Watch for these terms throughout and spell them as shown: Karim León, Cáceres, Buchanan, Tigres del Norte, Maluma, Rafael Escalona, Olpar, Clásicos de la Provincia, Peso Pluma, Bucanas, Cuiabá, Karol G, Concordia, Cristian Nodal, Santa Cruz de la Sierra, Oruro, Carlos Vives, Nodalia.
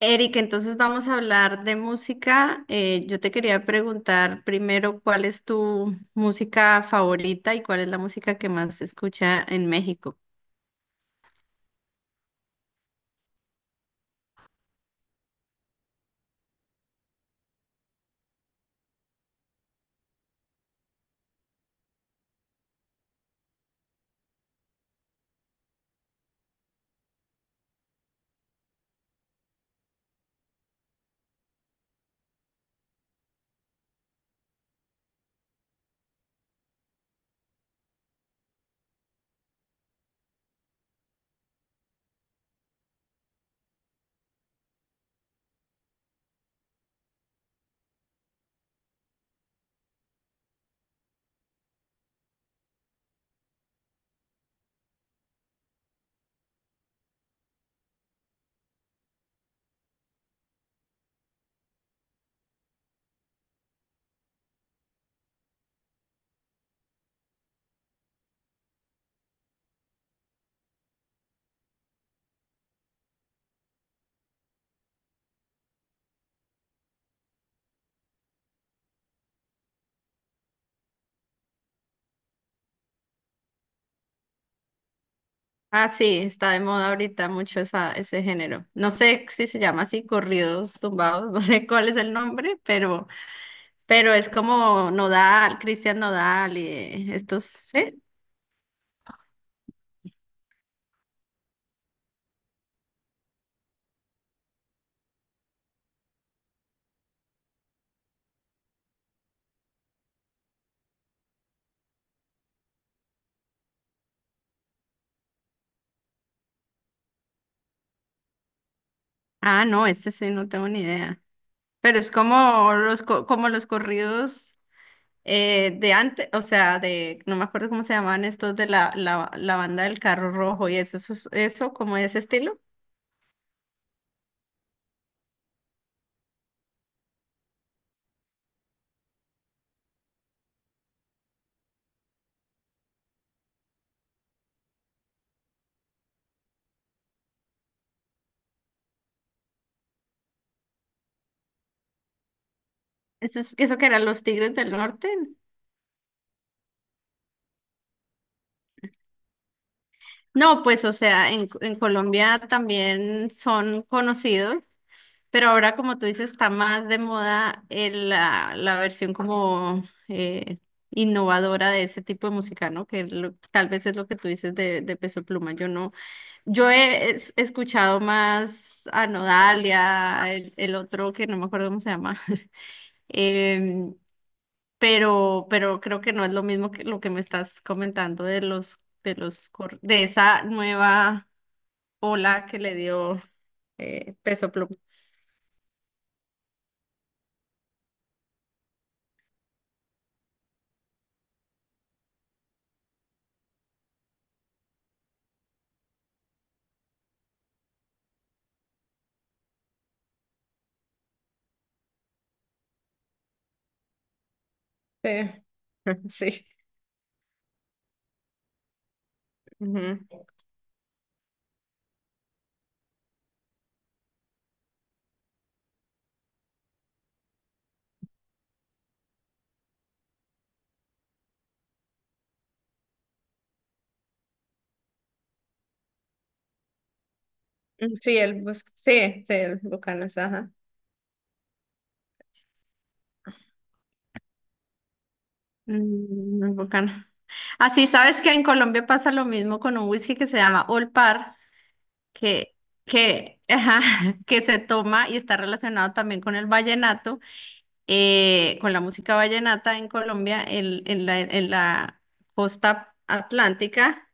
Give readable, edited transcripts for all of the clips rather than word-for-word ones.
Eric, entonces vamos a hablar de música. Yo te quería preguntar primero cuál es tu música favorita y cuál es la música que más se escucha en México. Ah, sí, está de moda ahorita mucho esa, ese género. No sé si se llama así, corridos tumbados, no sé cuál es el nombre, pero es como Nodal, Cristian Nodal y estos, ¿sí? Ah, no, ese sí, no tengo ni idea. Pero es como como los corridos. De antes, o sea, de, no me acuerdo cómo se llamaban estos de la banda del carro rojo y eso, eso, como de ese estilo. Eso, eso que eran los Tigres del Norte. No, pues, o sea, en Colombia también son conocidos, pero ahora, como tú dices, está más de moda la versión como eh, innovadora de ese tipo de música, ¿no? Que tal vez es lo que tú dices de Peso Pluma. Yo no. Yo he escuchado más a Nodalia, el otro que no me acuerdo cómo se llama, em, pero creo que no es lo mismo que lo que me estás comentando de los, de esa nueva ola que le dio Peso Pluma. Sí, sí. Ujú. Sí, sí, sí, el Bucanas, ajá. Mm, muy bacano. Así sabes que en Colombia pasa lo mismo con un whisky que se llama Olpar, que, que, ajá, que se toma y está relacionado también con el vallenato, con la música vallenata en Colombia, en la costa atlántica.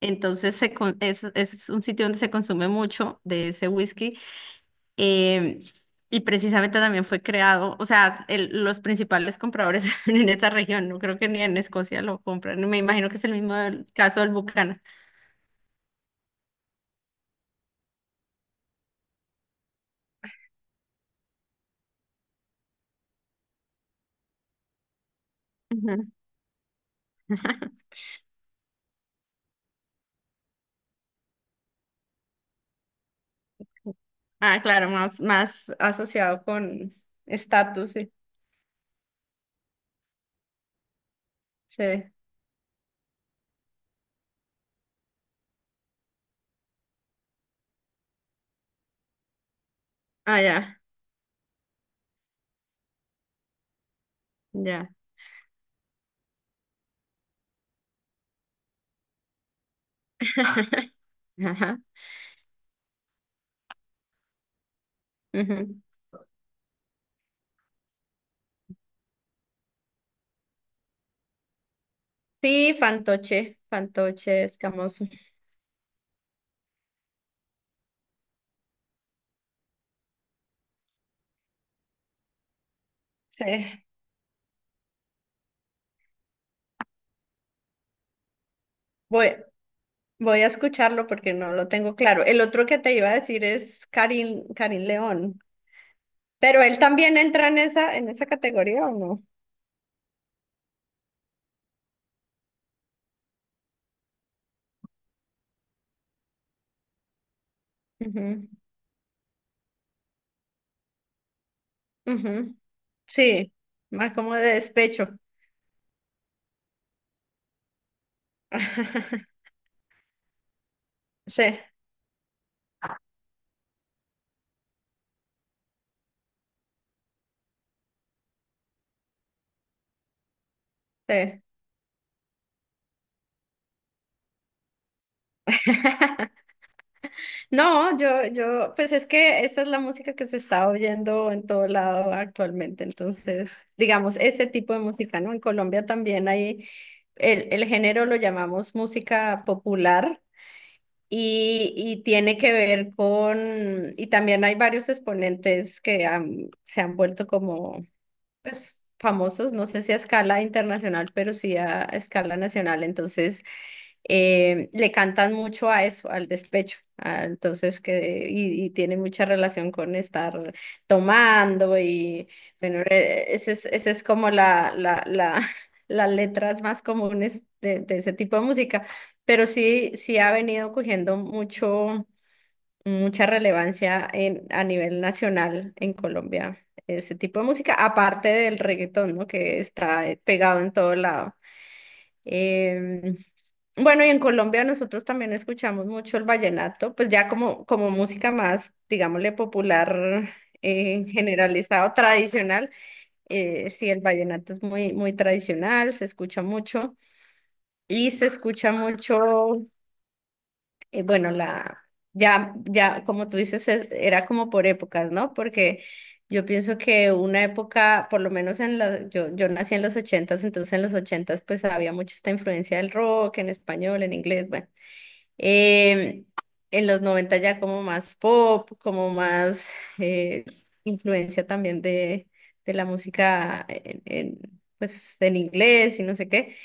Entonces se, es un sitio donde se consume mucho de ese whisky. em, y precisamente también fue creado, o sea, los principales compradores en esta región, no creo que ni en Escocia lo compran, me imagino que es el mismo caso del Buchanan. Ujú. Ah, claro, más, más asociado con estatus, sí. Sí. Ah, ya, ya. Ajá. Ujú. Sí, fantoche, fantoche, escamoso. Sí. Voy, voy a escucharlo porque no lo tengo claro. El otro que te iba a decir es Karim, Karim León. Pero él también entra en esa categoría, ¿o no? Ujú, ujú. Sí, más como de despecho. Sí, sí. No, yo, pues es que esa es la música que se está oyendo en todo lado actualmente. Entonces, digamos, ese tipo de música, ¿no? En Colombia también hay, el género lo llamamos música popular y tiene que ver con, y también hay varios exponentes que se han vuelto como, pues, famosos, no sé si a escala internacional, pero sí a escala nacional. Entonces, le cantan mucho a eso, al despecho, entonces que, y tiene mucha relación con estar tomando y bueno, ese es como las letras más comunes de ese tipo de música, pero sí, sí ha venido cogiendo mucho, mucha relevancia en, a nivel nacional en Colombia. Ese tipo de música, aparte del reggaetón, ¿no? Que está pegado en todo lado. Em, bueno, y en Colombia nosotros también escuchamos mucho el vallenato, pues ya como, como música más, digámosle, popular, generalizado, tradicional. Sí, el vallenato es muy, muy tradicional, se escucha mucho y se escucha mucho bueno, la, ya, ya, como tú dices, era como por épocas, ¿no? Porque yo pienso que una época, por lo menos en la, yo nací en los ochentas, entonces en los ochentas pues había mucha esta influencia del rock en español, en inglés, bueno. Em, en los noventa ya como más pop, como más eh, influencia también de la música pues en inglés y no sé qué.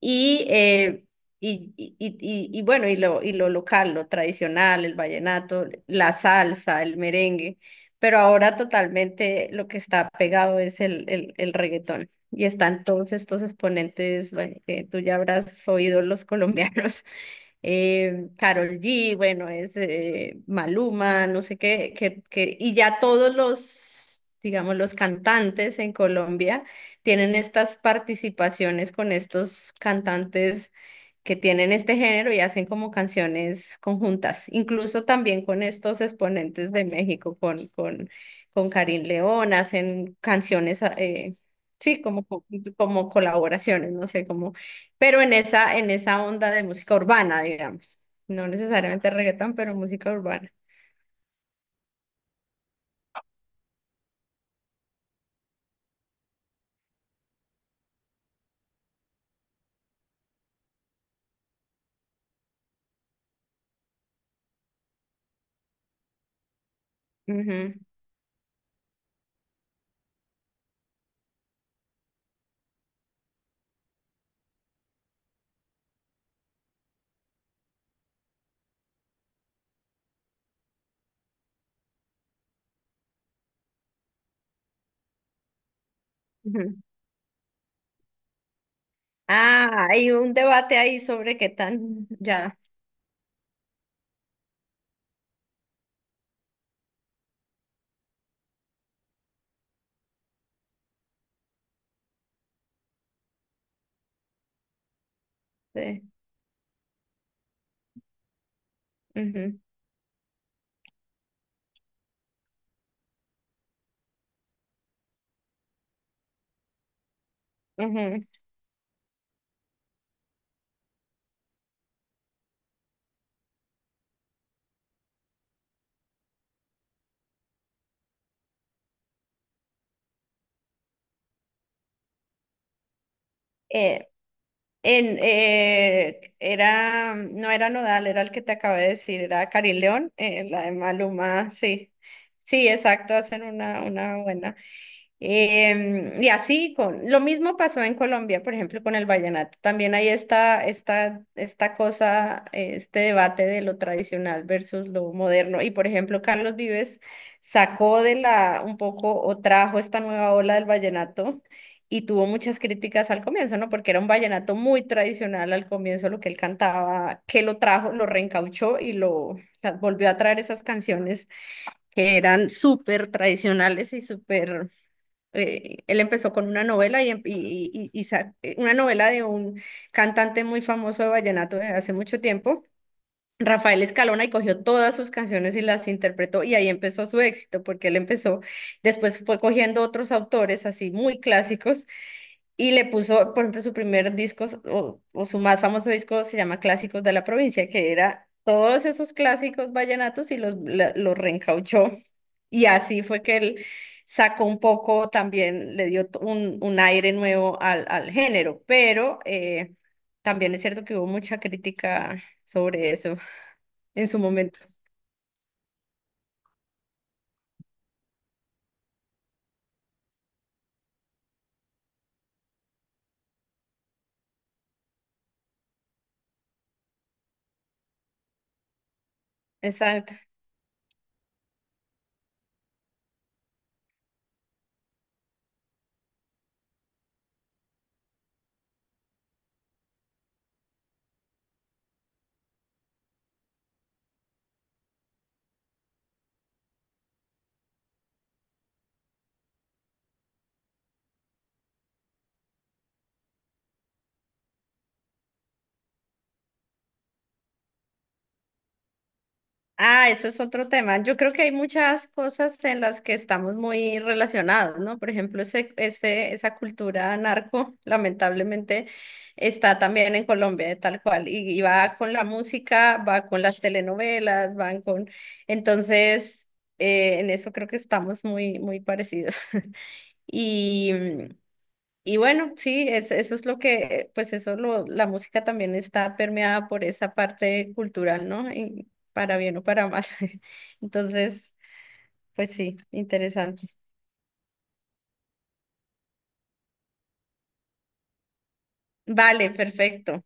Y, eh, bueno, y lo local, lo tradicional, el vallenato, la salsa, el merengue, pero ahora totalmente lo que está pegado es el reggaetón. Y están todos estos exponentes, bueno, que tú ya habrás oído los colombianos Karol G, bueno, es Maluma, no sé qué, qué, qué, y ya todos los, digamos, los cantantes en Colombia tienen estas participaciones con estos cantantes que tienen este género y hacen como canciones conjuntas, incluso también con estos exponentes de México, con Karin León, hacen canciones, sí, como, como colaboraciones, no sé, cómo, pero en esa onda de música urbana, digamos. No necesariamente reggaetón, pero música urbana. Ujú, ujú. Ah, hay un debate ahí sobre qué tan, ya, sí, ujú, ujú. Eh, Era, no era Nodal, era el que te acabé de decir, era Karin León, la de Maluma, sí. Sí, exacto, hacen una buena. Y así, con, lo mismo pasó en Colombia, por ejemplo, con el vallenato. También hay esta, esta cosa, este debate de lo tradicional versus lo moderno. Y por ejemplo, Carlos Vives sacó de la, un poco, o trajo esta nueva ola del vallenato y tuvo muchas críticas al comienzo, ¿no? Porque era un vallenato muy tradicional al comienzo, lo que él cantaba, que lo trajo, lo reencauchó y lo volvió a traer esas canciones que eran súper tradicionales y súper... Él empezó con una novela una novela de un cantante muy famoso de vallenato de hace mucho tiempo. Rafael Escalona, y cogió todas sus canciones y las interpretó y ahí empezó su éxito porque él empezó, después fue cogiendo otros autores así muy clásicos y le puso, por ejemplo, su primer disco o su más famoso disco se llama Clásicos de la Provincia, que era todos esos clásicos vallenatos y los reencauchó. Y así fue que él sacó un poco, también le dio un aire nuevo al, al género, pero también es cierto que hubo mucha crítica sobre eso en su momento. Exacto. Ah, eso es otro tema. Yo creo que hay muchas cosas en las que estamos muy relacionados, ¿no? Por ejemplo, ese, esa cultura narco, lamentablemente, está también en Colombia, tal cual, y va con la música, va con las telenovelas, van con... Entonces, en eso creo que estamos muy, muy parecidos. Y, y bueno, sí, eso es lo que, pues eso lo, la música también está permeada por esa parte cultural, ¿no? Y para bien o para mal. Entonces, pues sí, interesante. Vale, perfecto.